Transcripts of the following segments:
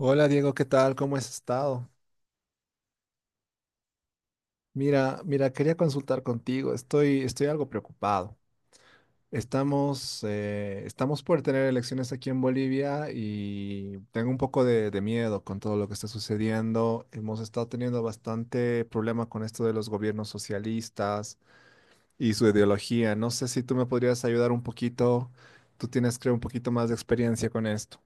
Hola Diego, ¿qué tal? ¿Cómo has estado? Mira, quería consultar contigo. Estoy algo preocupado. Estamos por tener elecciones aquí en Bolivia y tengo un poco de miedo con todo lo que está sucediendo. Hemos estado teniendo bastante problema con esto de los gobiernos socialistas y su ideología. No sé si tú me podrías ayudar un poquito. Tú tienes, creo, un poquito más de experiencia con esto.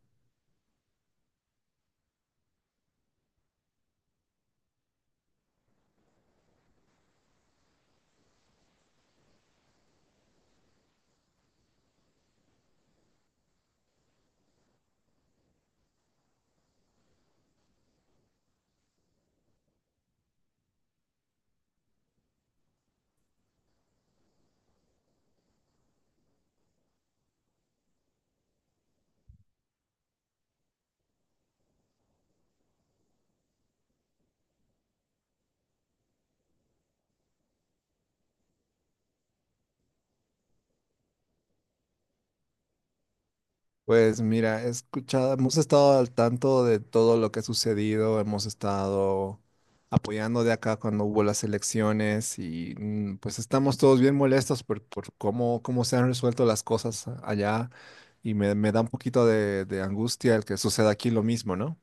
Pues mira, he escuchado, hemos estado al tanto de todo lo que ha sucedido, hemos estado apoyando de acá cuando hubo las elecciones y mm, pues estamos todos bien molestos por cómo, cómo se han resuelto las cosas allá y me da un poquito de angustia el que suceda aquí lo mismo, ¿no?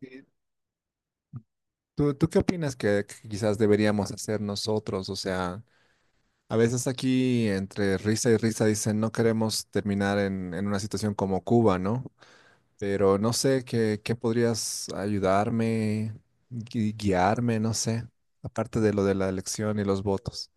Y ¿Tú qué opinas que quizás deberíamos hacer nosotros? O sea, a veces aquí entre risa y risa dicen no queremos terminar en una situación como Cuba, ¿no? Pero no sé qué, qué podrías ayudarme, guiarme, no sé, aparte de lo de la elección y los votos.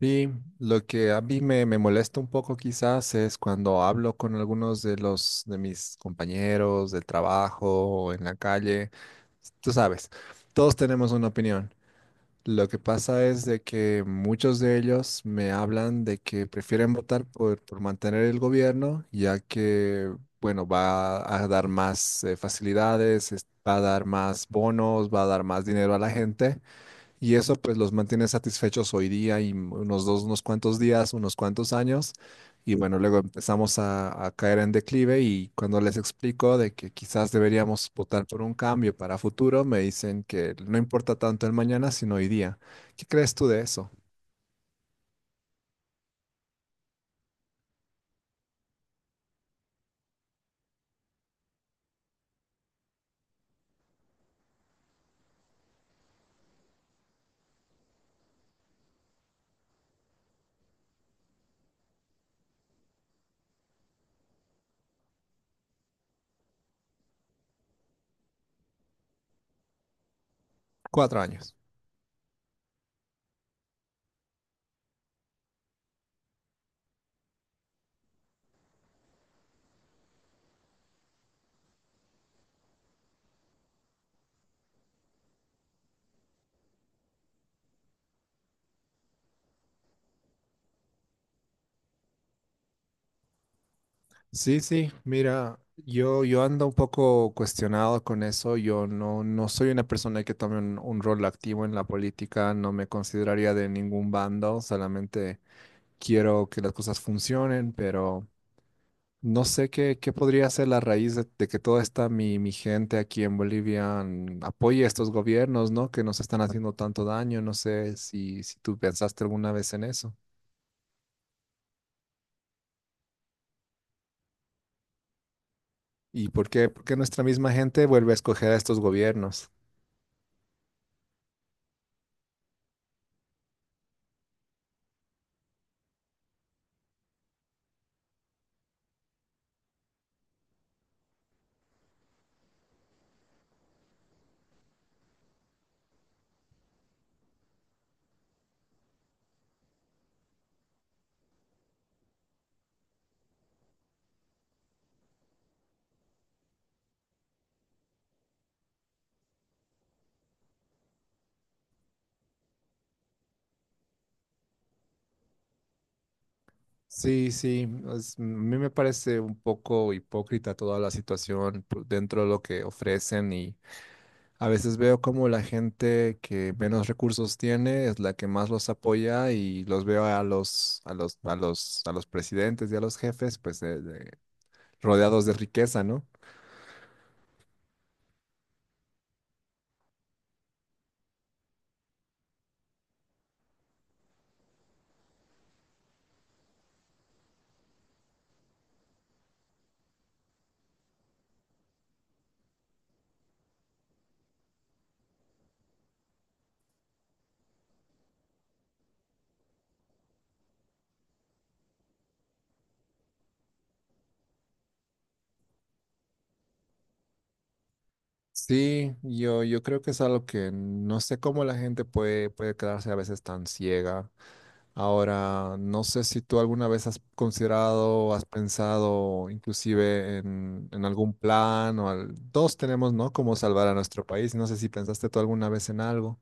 Sí, lo que a mí me molesta un poco quizás es cuando hablo con algunos de los de mis compañeros del trabajo o en la calle. Tú sabes, todos tenemos una opinión. Lo que pasa es de que muchos de ellos me hablan de que prefieren votar por mantener el gobierno, ya que, bueno, va a dar más facilidades, va a dar más bonos, va a dar más dinero a la gente. Y eso pues los mantiene satisfechos hoy día y unos dos, unos cuantos días, unos cuantos años. Y bueno, luego empezamos a caer en declive y cuando les explico de que quizás deberíamos votar por un cambio para futuro, me dicen que no importa tanto el mañana, sino hoy día. ¿Qué crees tú de eso? 4 años. Sí, sí, mira, yo ando un poco cuestionado con eso. Yo no, no soy una persona que tome un rol activo en la política, no me consideraría de ningún bando, solamente quiero que las cosas funcionen, pero no sé qué, qué podría ser la raíz de que toda esta mi gente aquí en Bolivia mm, apoye a estos gobiernos, ¿no? Que nos están haciendo tanto daño. No sé si, si tú pensaste alguna vez en eso. ¿Y por qué nuestra misma gente vuelve a escoger a estos gobiernos? Sí, sí, es- a mí me parece un poco hipócrita toda la situación por- dentro de lo que ofrecen y a veces veo como la gente que menos recursos tiene es la que más los apoya y los veo a los, a los, a los, a los presidentes y a los jefes, pues rodeados de riqueza, ¿no? Sí, yo creo que es algo que no sé cómo la gente puede, puede quedarse a veces tan ciega. Ahora, no sé si tú alguna vez has considerado, has pensado inclusive en algún plan o al, todos tenemos, ¿no? Cómo salvar a nuestro país. No sé si pensaste tú alguna vez en algo.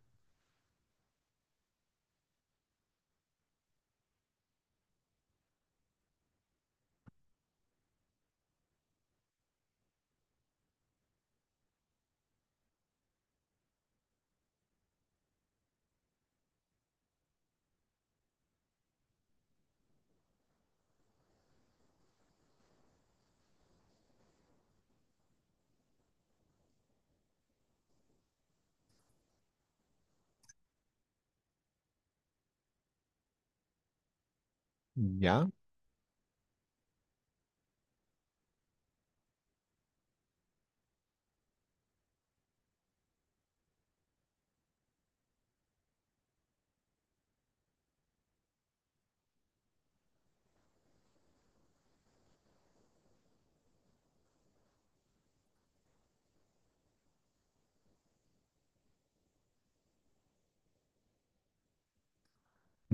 ¿Ya?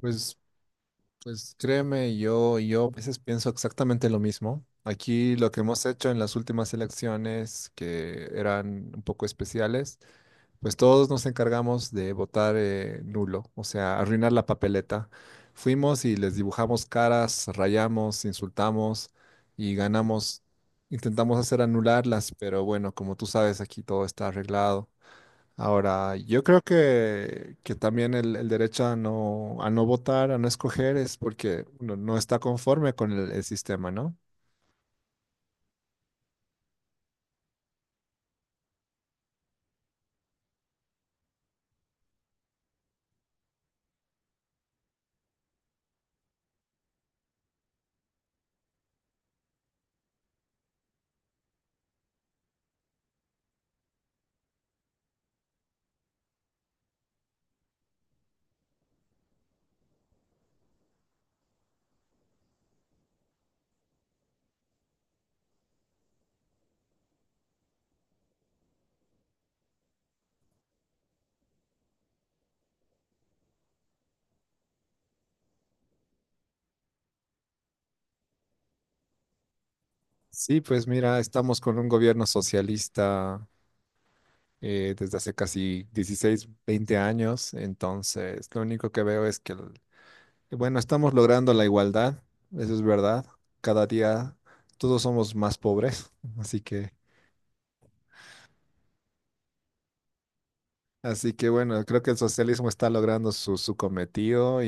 Pues, pues créeme, yo a veces pienso exactamente lo mismo. Aquí lo que hemos hecho en las últimas elecciones, que eran un poco especiales, pues todos nos encargamos de votar nulo, o sea, arruinar la papeleta. Fuimos y les dibujamos caras, rayamos, insultamos y ganamos. Intentamos hacer anularlas, pero bueno, como tú sabes, aquí todo está arreglado. Ahora, yo creo que también el derecho a no votar, a no escoger, es porque no, no está conforme con el sistema, ¿no? Sí, pues mira, estamos con un gobierno socialista desde hace casi 16 20 años, entonces lo único que veo es que, bueno, estamos logrando la igualdad, eso es verdad, cada día todos somos más pobres, así que, así que bueno, creo que el socialismo está logrando su cometido.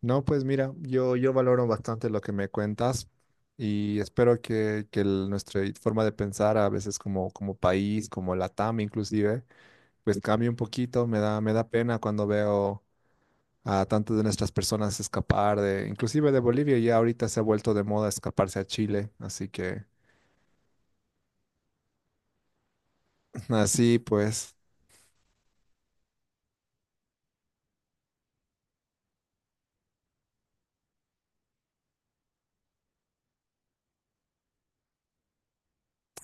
No, pues mira, yo valoro bastante lo que me cuentas y espero que nuestra forma de pensar a veces como, como país, como Latam inclusive, pues cambie un poquito. Me da pena cuando veo a tantas de nuestras personas escapar de, inclusive de Bolivia, ya ahorita se ha vuelto de moda escaparse a Chile. Así que, así pues,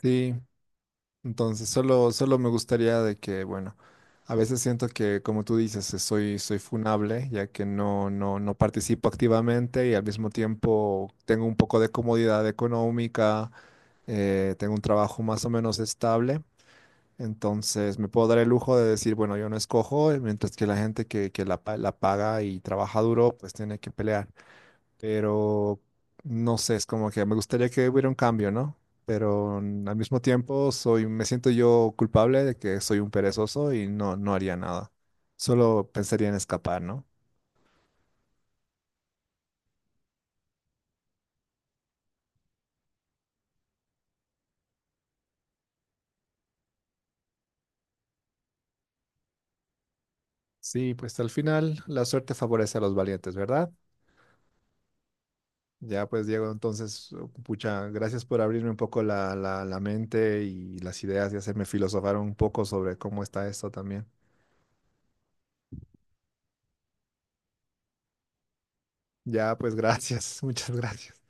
sí. Entonces, solo, solo me gustaría de que, bueno, a veces siento que, como tú dices, soy, soy funable, ya que no, no, no participo activamente y al mismo tiempo tengo un poco de comodidad económica, tengo un trabajo más o menos estable. Entonces, me puedo dar el lujo de decir, bueno, yo no escojo, mientras que la gente que la, la paga y trabaja duro, pues tiene que pelear, pero no sé, es como que me gustaría que hubiera un cambio, ¿no? Pero mm, al mismo tiempo soy, me siento yo culpable de que soy un perezoso y no, no haría nada. Solo pensaría en escapar, ¿no? Sí, pues al final la suerte favorece a los valientes, ¿verdad? Ya pues Diego, entonces, oh, pucha, gracias por abrirme un poco la, la, la mente y las ideas y hacerme filosofar un poco sobre cómo está esto también. Ya pues gracias, muchas gracias.